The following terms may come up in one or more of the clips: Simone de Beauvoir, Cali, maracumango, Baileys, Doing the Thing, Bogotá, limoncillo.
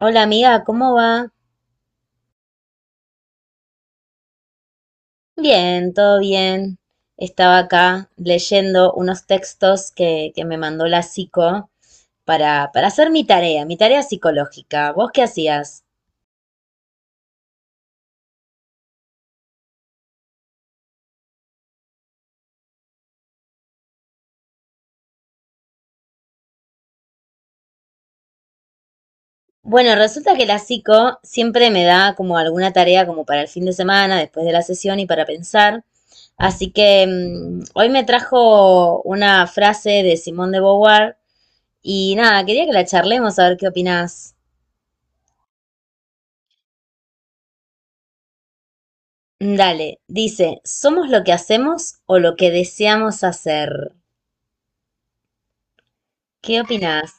Hola amiga, ¿cómo va? Bien, todo bien. Estaba acá leyendo unos textos que me mandó la psico para hacer mi tarea psicológica. ¿Vos qué hacías? Bueno, resulta que la psico siempre me da como alguna tarea como para el fin de semana, después de la sesión y para pensar. Así que hoy me trajo una frase de Simone de Beauvoir y nada, quería que la charlemos a ver qué opinás. Dale, dice, somos lo que hacemos o lo que deseamos hacer. ¿Qué opinás?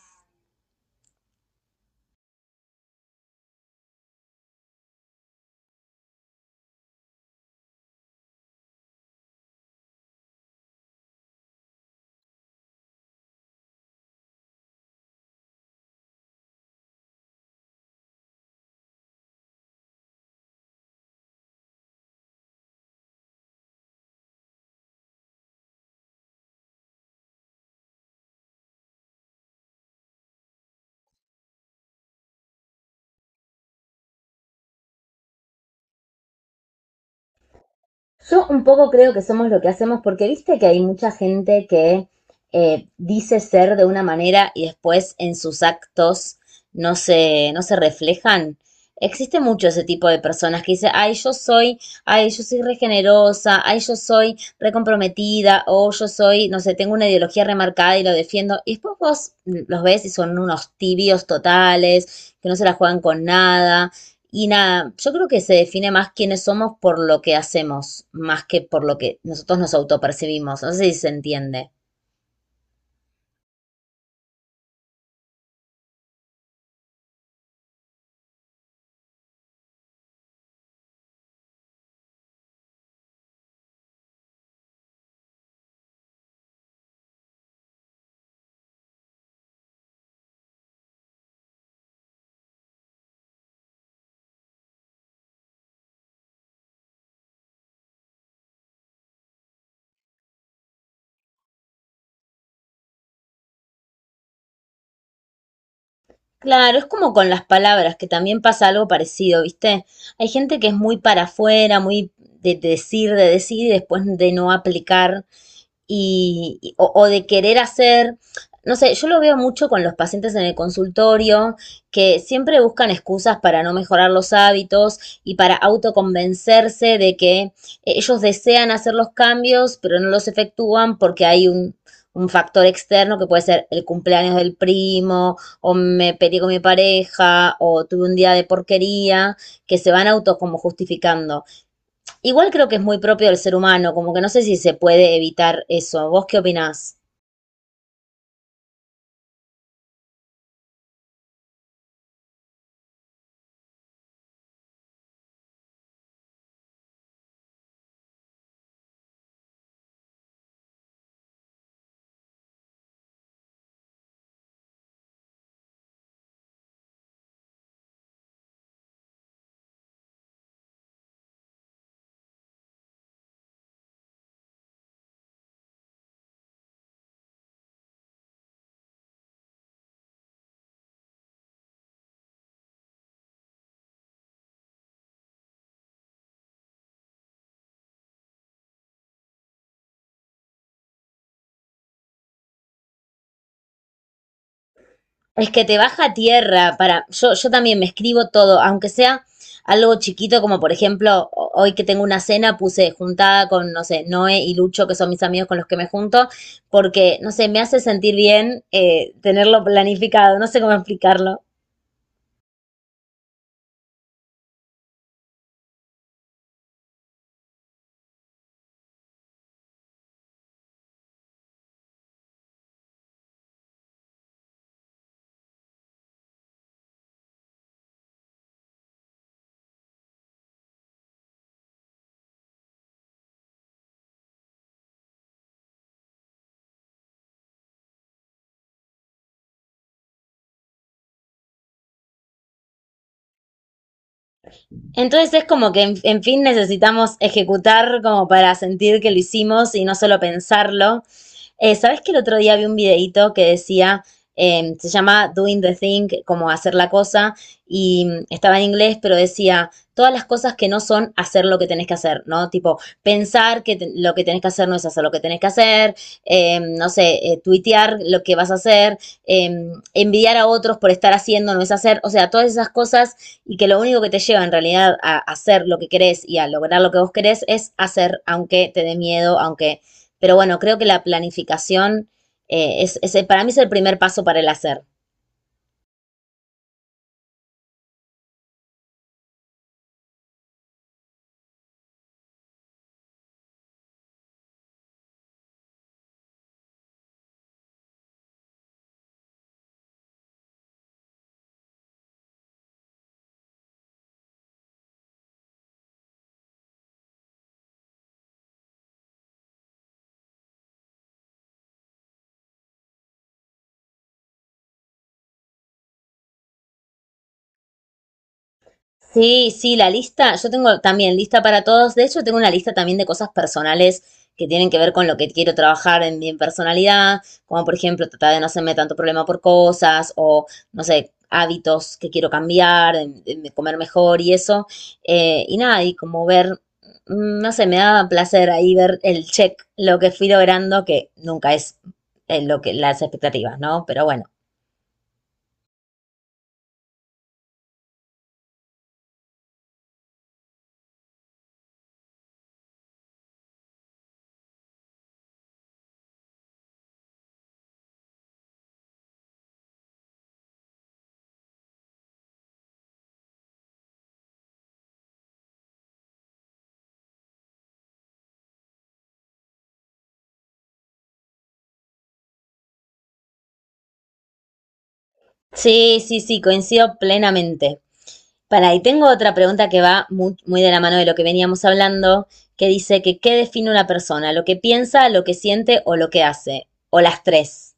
Yo un poco creo que somos lo que hacemos porque viste que hay mucha gente que dice ser de una manera y después en sus actos no se reflejan. Existe mucho ese tipo de personas que dice, ay, yo soy regenerosa, ay, yo soy recomprometida, o yo soy, no sé, tengo una ideología remarcada y lo defiendo. Y después vos los ves y son unos tibios totales, que no se la juegan con nada y nada, yo creo que se define más quiénes somos por lo que hacemos, más que por lo que nosotros nos autopercibimos. No sé si se entiende. Claro, es como con las palabras, que también pasa algo parecido, ¿viste? Hay gente que es muy para afuera, muy de decir y después de no aplicar o de querer hacer, no sé, yo lo veo mucho con los pacientes en el consultorio que siempre buscan excusas para no mejorar los hábitos y para autoconvencerse de que ellos desean hacer los cambios, pero no los efectúan porque hay un factor externo que puede ser el cumpleaños del primo, o me peleé con mi pareja, o tuve un día de porquería, que se van auto como justificando. Igual creo que es muy propio del ser humano, como que no sé si se puede evitar eso. ¿Vos qué opinás? Es que te baja a tierra para... Yo también me escribo todo, aunque sea algo chiquito, como por ejemplo, hoy que tengo una cena, puse juntada con, no sé, Noé y Lucho, que son mis amigos con los que me junto, porque, no sé, me hace sentir bien tenerlo planificado, no sé cómo explicarlo. Entonces es como que, en fin, necesitamos ejecutar como para sentir que lo hicimos y no solo pensarlo. ¿Sabes que el otro día vi un videíto que decía, se llama Doing the Thing, como hacer la cosa, y estaba en inglés, pero decía, todas las cosas que no son hacer lo que tenés que hacer, ¿no? Tipo, lo que tenés que hacer no es hacer lo que tenés que hacer, no sé, tuitear lo que vas a hacer, eh, envidiar a otros por estar haciendo no es hacer, o sea, todas esas cosas y que lo único que te lleva en realidad a hacer lo que querés y a lograr lo que vos querés es hacer, aunque te dé miedo, aunque... Pero bueno, creo que la planificación para mí es el primer paso para el hacer. Sí, sí, la lista, yo tengo también lista para todos. De hecho, tengo una lista también de cosas personales que tienen que ver con lo que quiero trabajar en mi personalidad, como por ejemplo tratar de no hacerme tanto problema por cosas o, no sé, hábitos que quiero cambiar, comer mejor y eso. Y nada, y como ver, no sé, me da placer ahí ver el check, lo que fui logrando, que nunca es lo que las expectativas, ¿no? Pero bueno. Sí, sí, sí, coincido plenamente. Para, y tengo otra pregunta que va muy, muy de la mano de lo que veníamos hablando, que dice que qué define una persona, lo que piensa, lo que siente o lo que hace, o las tres.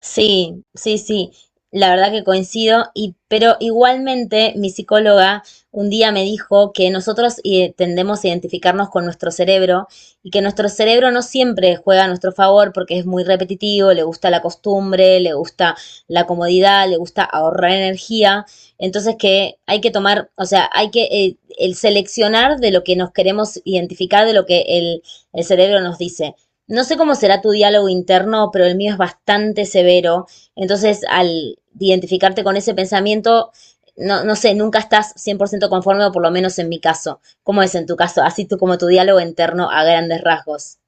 Sí, sí, sí, la verdad que coincido, y, pero igualmente mi psicóloga un día me dijo que nosotros tendemos a identificarnos con nuestro cerebro y que nuestro cerebro no siempre juega a nuestro favor porque es muy repetitivo, le gusta la costumbre, le gusta la comodidad, le gusta ahorrar energía, entonces que hay que tomar, o sea, hay que el seleccionar de lo que nos queremos identificar, de lo el cerebro nos dice. No sé cómo será tu diálogo interno, pero el mío es bastante severo. Entonces, al identificarte con ese pensamiento, no, no sé, nunca estás 100% conforme, o por lo menos en mi caso. ¿Cómo es en tu caso? Así tú como tu diálogo interno a grandes rasgos.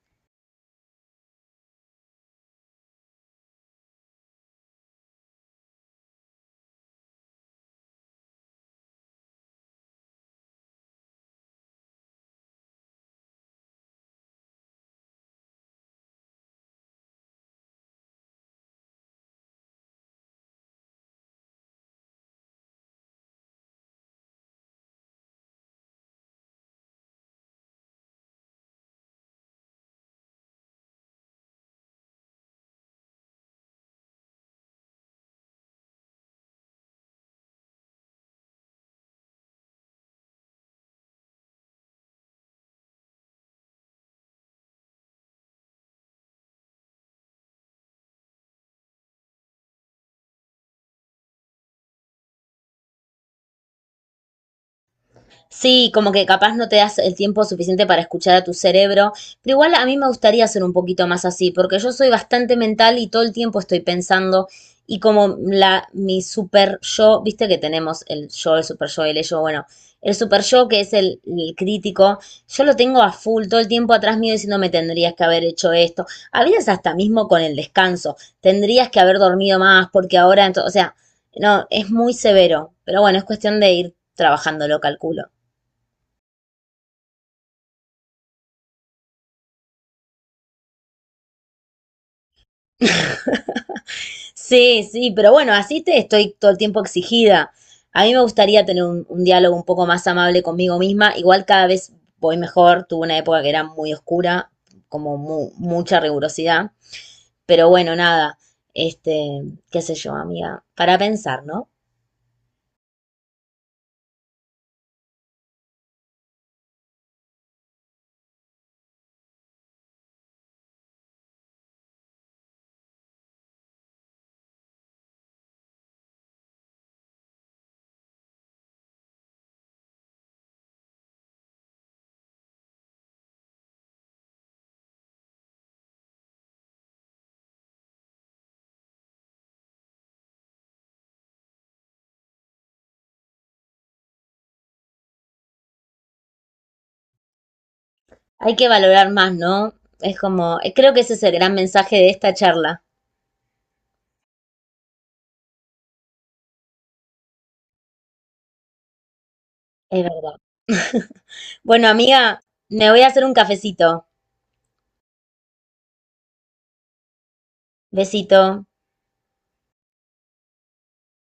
Sí, como que capaz no te das el tiempo suficiente para escuchar a tu cerebro, pero igual a mí me gustaría ser un poquito más así, porque yo soy bastante mental y todo el tiempo estoy pensando y como la mi super yo, viste que tenemos el yo, el super yo, el ello, bueno, el super yo que es el crítico, yo lo tengo a full todo el tiempo atrás mío diciendo me tendrías que haber hecho esto, a veces hasta mismo con el descanso, tendrías que haber dormido más porque ahora, o sea, no, es muy severo, pero bueno, es cuestión de ir trabajándolo, calculo. Sí, sí, pero bueno, así te estoy todo el tiempo exigida. A mí me gustaría tener un diálogo un poco más amable conmigo misma. Igual cada vez voy mejor. Tuve una época que era muy oscura, como mucha rigurosidad. Pero bueno, nada. Este, qué sé yo, amiga. Para pensar, ¿no? Hay que valorar más, ¿no? Es como, creo que ese es el gran mensaje de esta charla. Es verdad. Bueno, amiga, me voy a hacer un cafecito. Besito.